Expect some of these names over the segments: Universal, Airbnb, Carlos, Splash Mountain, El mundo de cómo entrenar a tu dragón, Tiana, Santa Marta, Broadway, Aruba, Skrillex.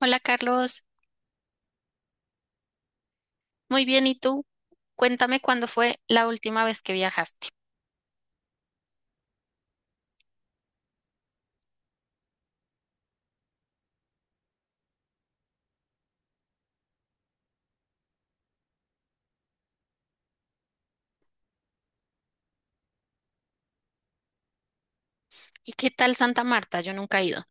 Hola Carlos, muy bien, ¿y tú? Cuéntame cuándo fue la última vez que viajaste. ¿Y qué tal Santa Marta? Yo nunca he ido.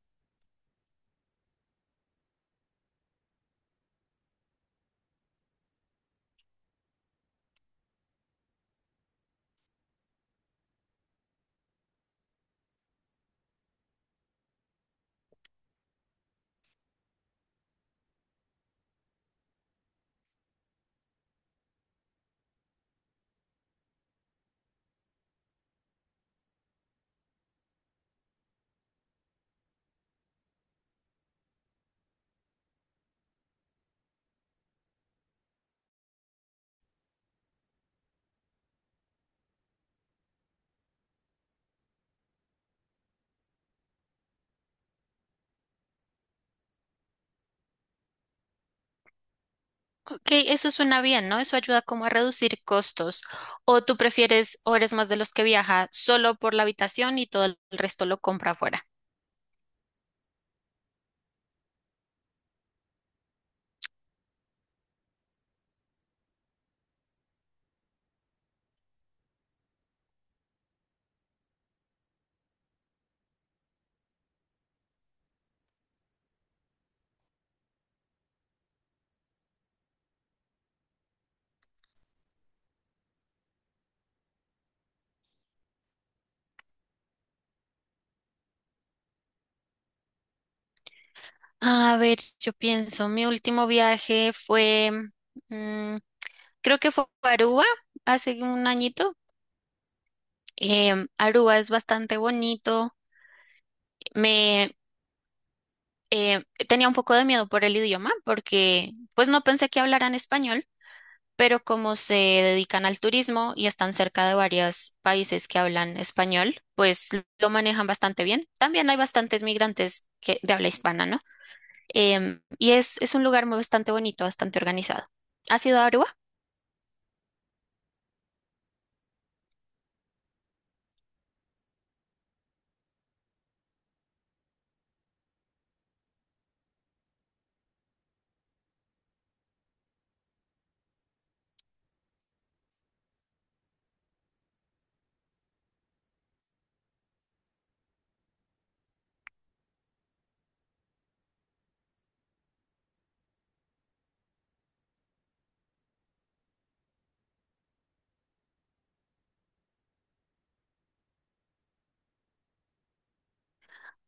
Ok, eso suena bien, ¿no? Eso ayuda como a reducir costos. ¿O tú prefieres o eres más de los que viaja solo por la habitación y todo el resto lo compra afuera? A ver, yo pienso, mi último viaje fue, mm, creo que fue a Aruba hace un añito. Aruba es bastante bonito. Tenía un poco de miedo por el idioma porque pues no pensé que hablaran español, pero como se dedican al turismo y están cerca de varios países que hablan español, pues lo manejan bastante bien. También hay bastantes migrantes que, de habla hispana, ¿no? Y es un lugar muy bastante bonito, bastante organizado. ¿Has ido a Aruba?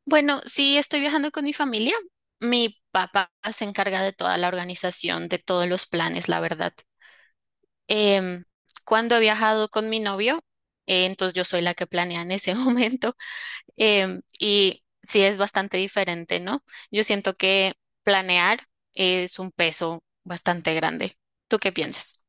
Bueno, sí, estoy viajando con mi familia. Mi papá se encarga de toda la organización, de todos los planes, la verdad. Em, cuando he viajado con mi novio, entonces yo soy la que planea en ese momento, y sí es bastante diferente, ¿no? Yo siento que planear es un peso bastante grande. ¿Tú qué piensas?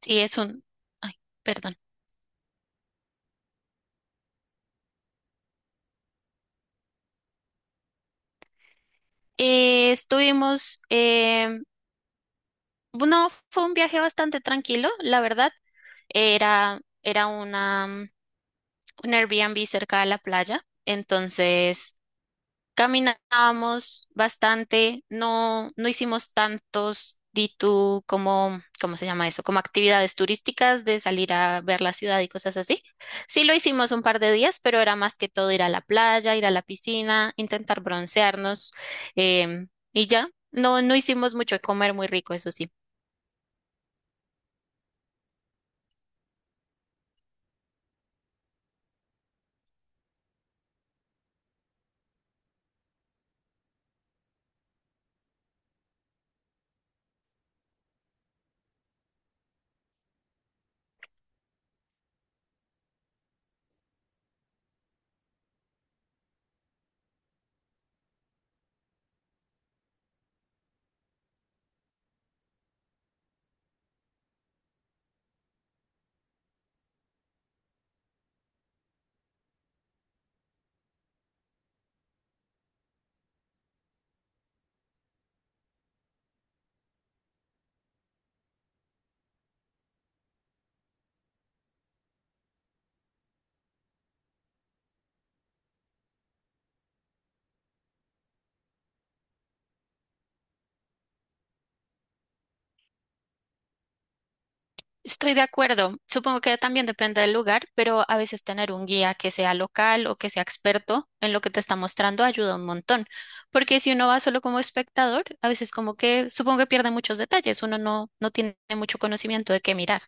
Sí. Ay, perdón. Estuvimos, no, fue un viaje bastante tranquilo, la verdad. Era una un Airbnb cerca de la playa, entonces caminábamos bastante, no, no hicimos tantos D2 como, ¿cómo se llama eso? Como actividades turísticas de salir a ver la ciudad y cosas así. Sí lo hicimos un par de días, pero era más que todo ir a la playa, ir a la piscina, intentar broncearnos em, y ya. No, no hicimos mucho de comer muy rico, eso sí. Estoy de acuerdo. Supongo que también depende del lugar, pero a veces tener un guía que sea local o que sea experto en lo que te está mostrando ayuda un montón. Porque si uno va solo como espectador, a veces como que supongo que pierde muchos detalles. Uno no, no tiene mucho conocimiento de qué mirar.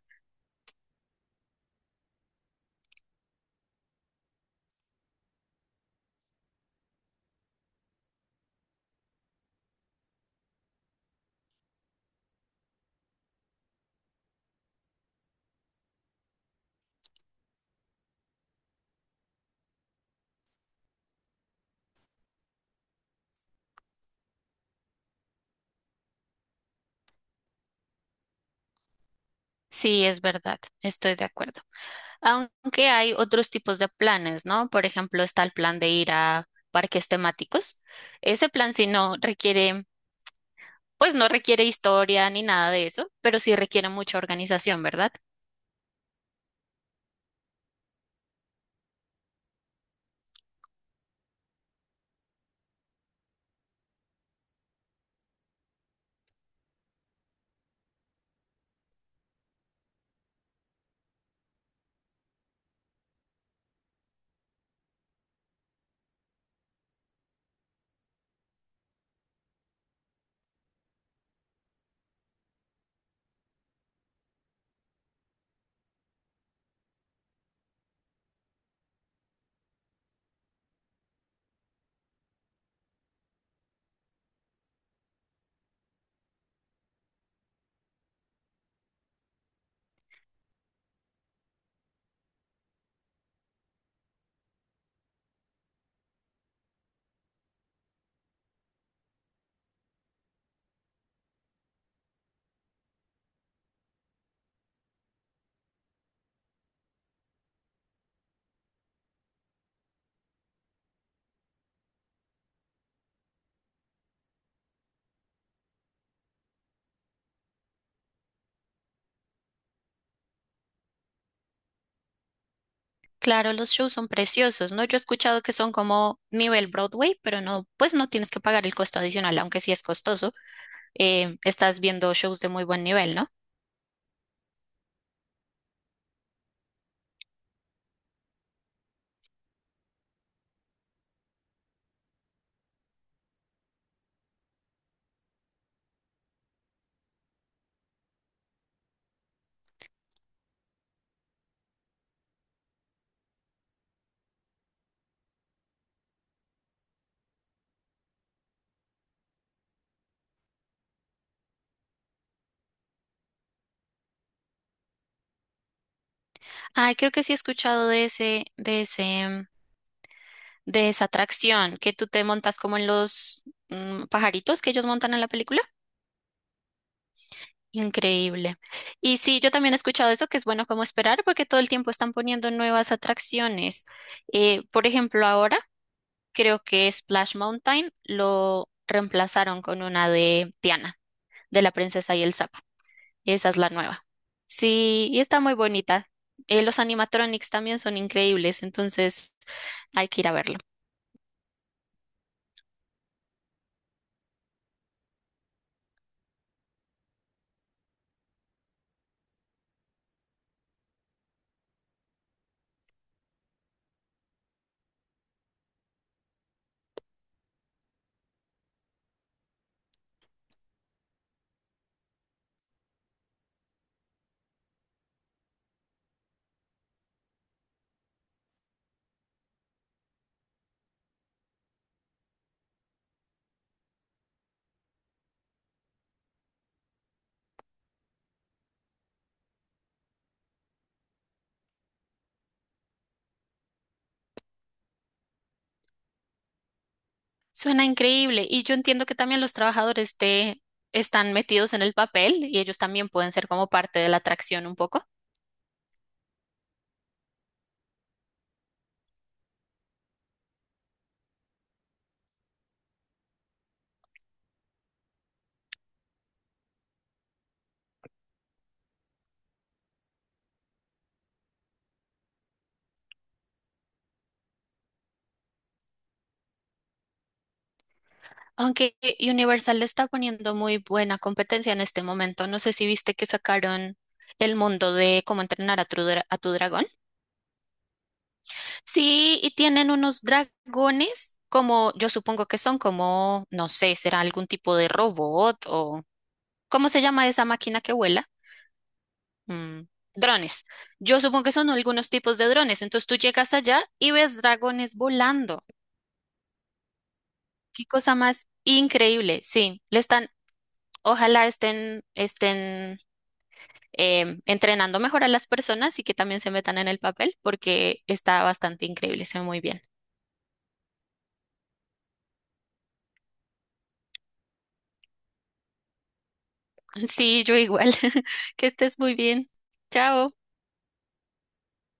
Sí, es verdad. Estoy de acuerdo. Aunque hay otros tipos de planes, ¿no? Por ejemplo, está el plan de ir a parques temáticos. Ese plan sí no requiere, pues no requiere historia ni nada de eso, pero sí requiere mucha organización, ¿verdad? Claro, los shows son preciosos, ¿no? Yo he escuchado que son como nivel Broadway, pero no, pues no tienes que pagar el costo adicional, aunque sí es costoso. Estás viendo shows de muy buen nivel, ¿no? Ay, creo que sí he escuchado de ese, de esa atracción que tú te montas como en los pajaritos que ellos montan en la película. Increíble. Y sí, yo también he escuchado eso, que es bueno como esperar, porque todo el tiempo están poniendo nuevas atracciones. Por ejemplo, ahora creo que Splash Mountain lo reemplazaron con una de Tiana, de la princesa y el sapo. Esa es la nueva. Sí, y está muy bonita. Los animatronics también son increíbles, entonces hay que ir a verlo. Suena increíble y yo entiendo que también los trabajadores te están metidos en el papel y ellos también pueden ser como parte de la atracción un poco. Aunque Universal le está poniendo muy buena competencia en este momento, no sé si viste que sacaron El mundo de cómo entrenar a tu dragón. Sí, y tienen unos dragones como, yo supongo que son como, no sé, será algún tipo de robot o, ¿cómo se llama esa máquina que vuela? Mm, Drones. Yo supongo que son algunos tipos de drones. Entonces tú llegas allá y ves dragones volando. Qué cosa más increíble. Sí, ojalá estén entrenando mejor a las personas y que también se metan en el papel porque está bastante increíble, se ve muy bien. Sí, yo igual. Que estés muy bien. Chao.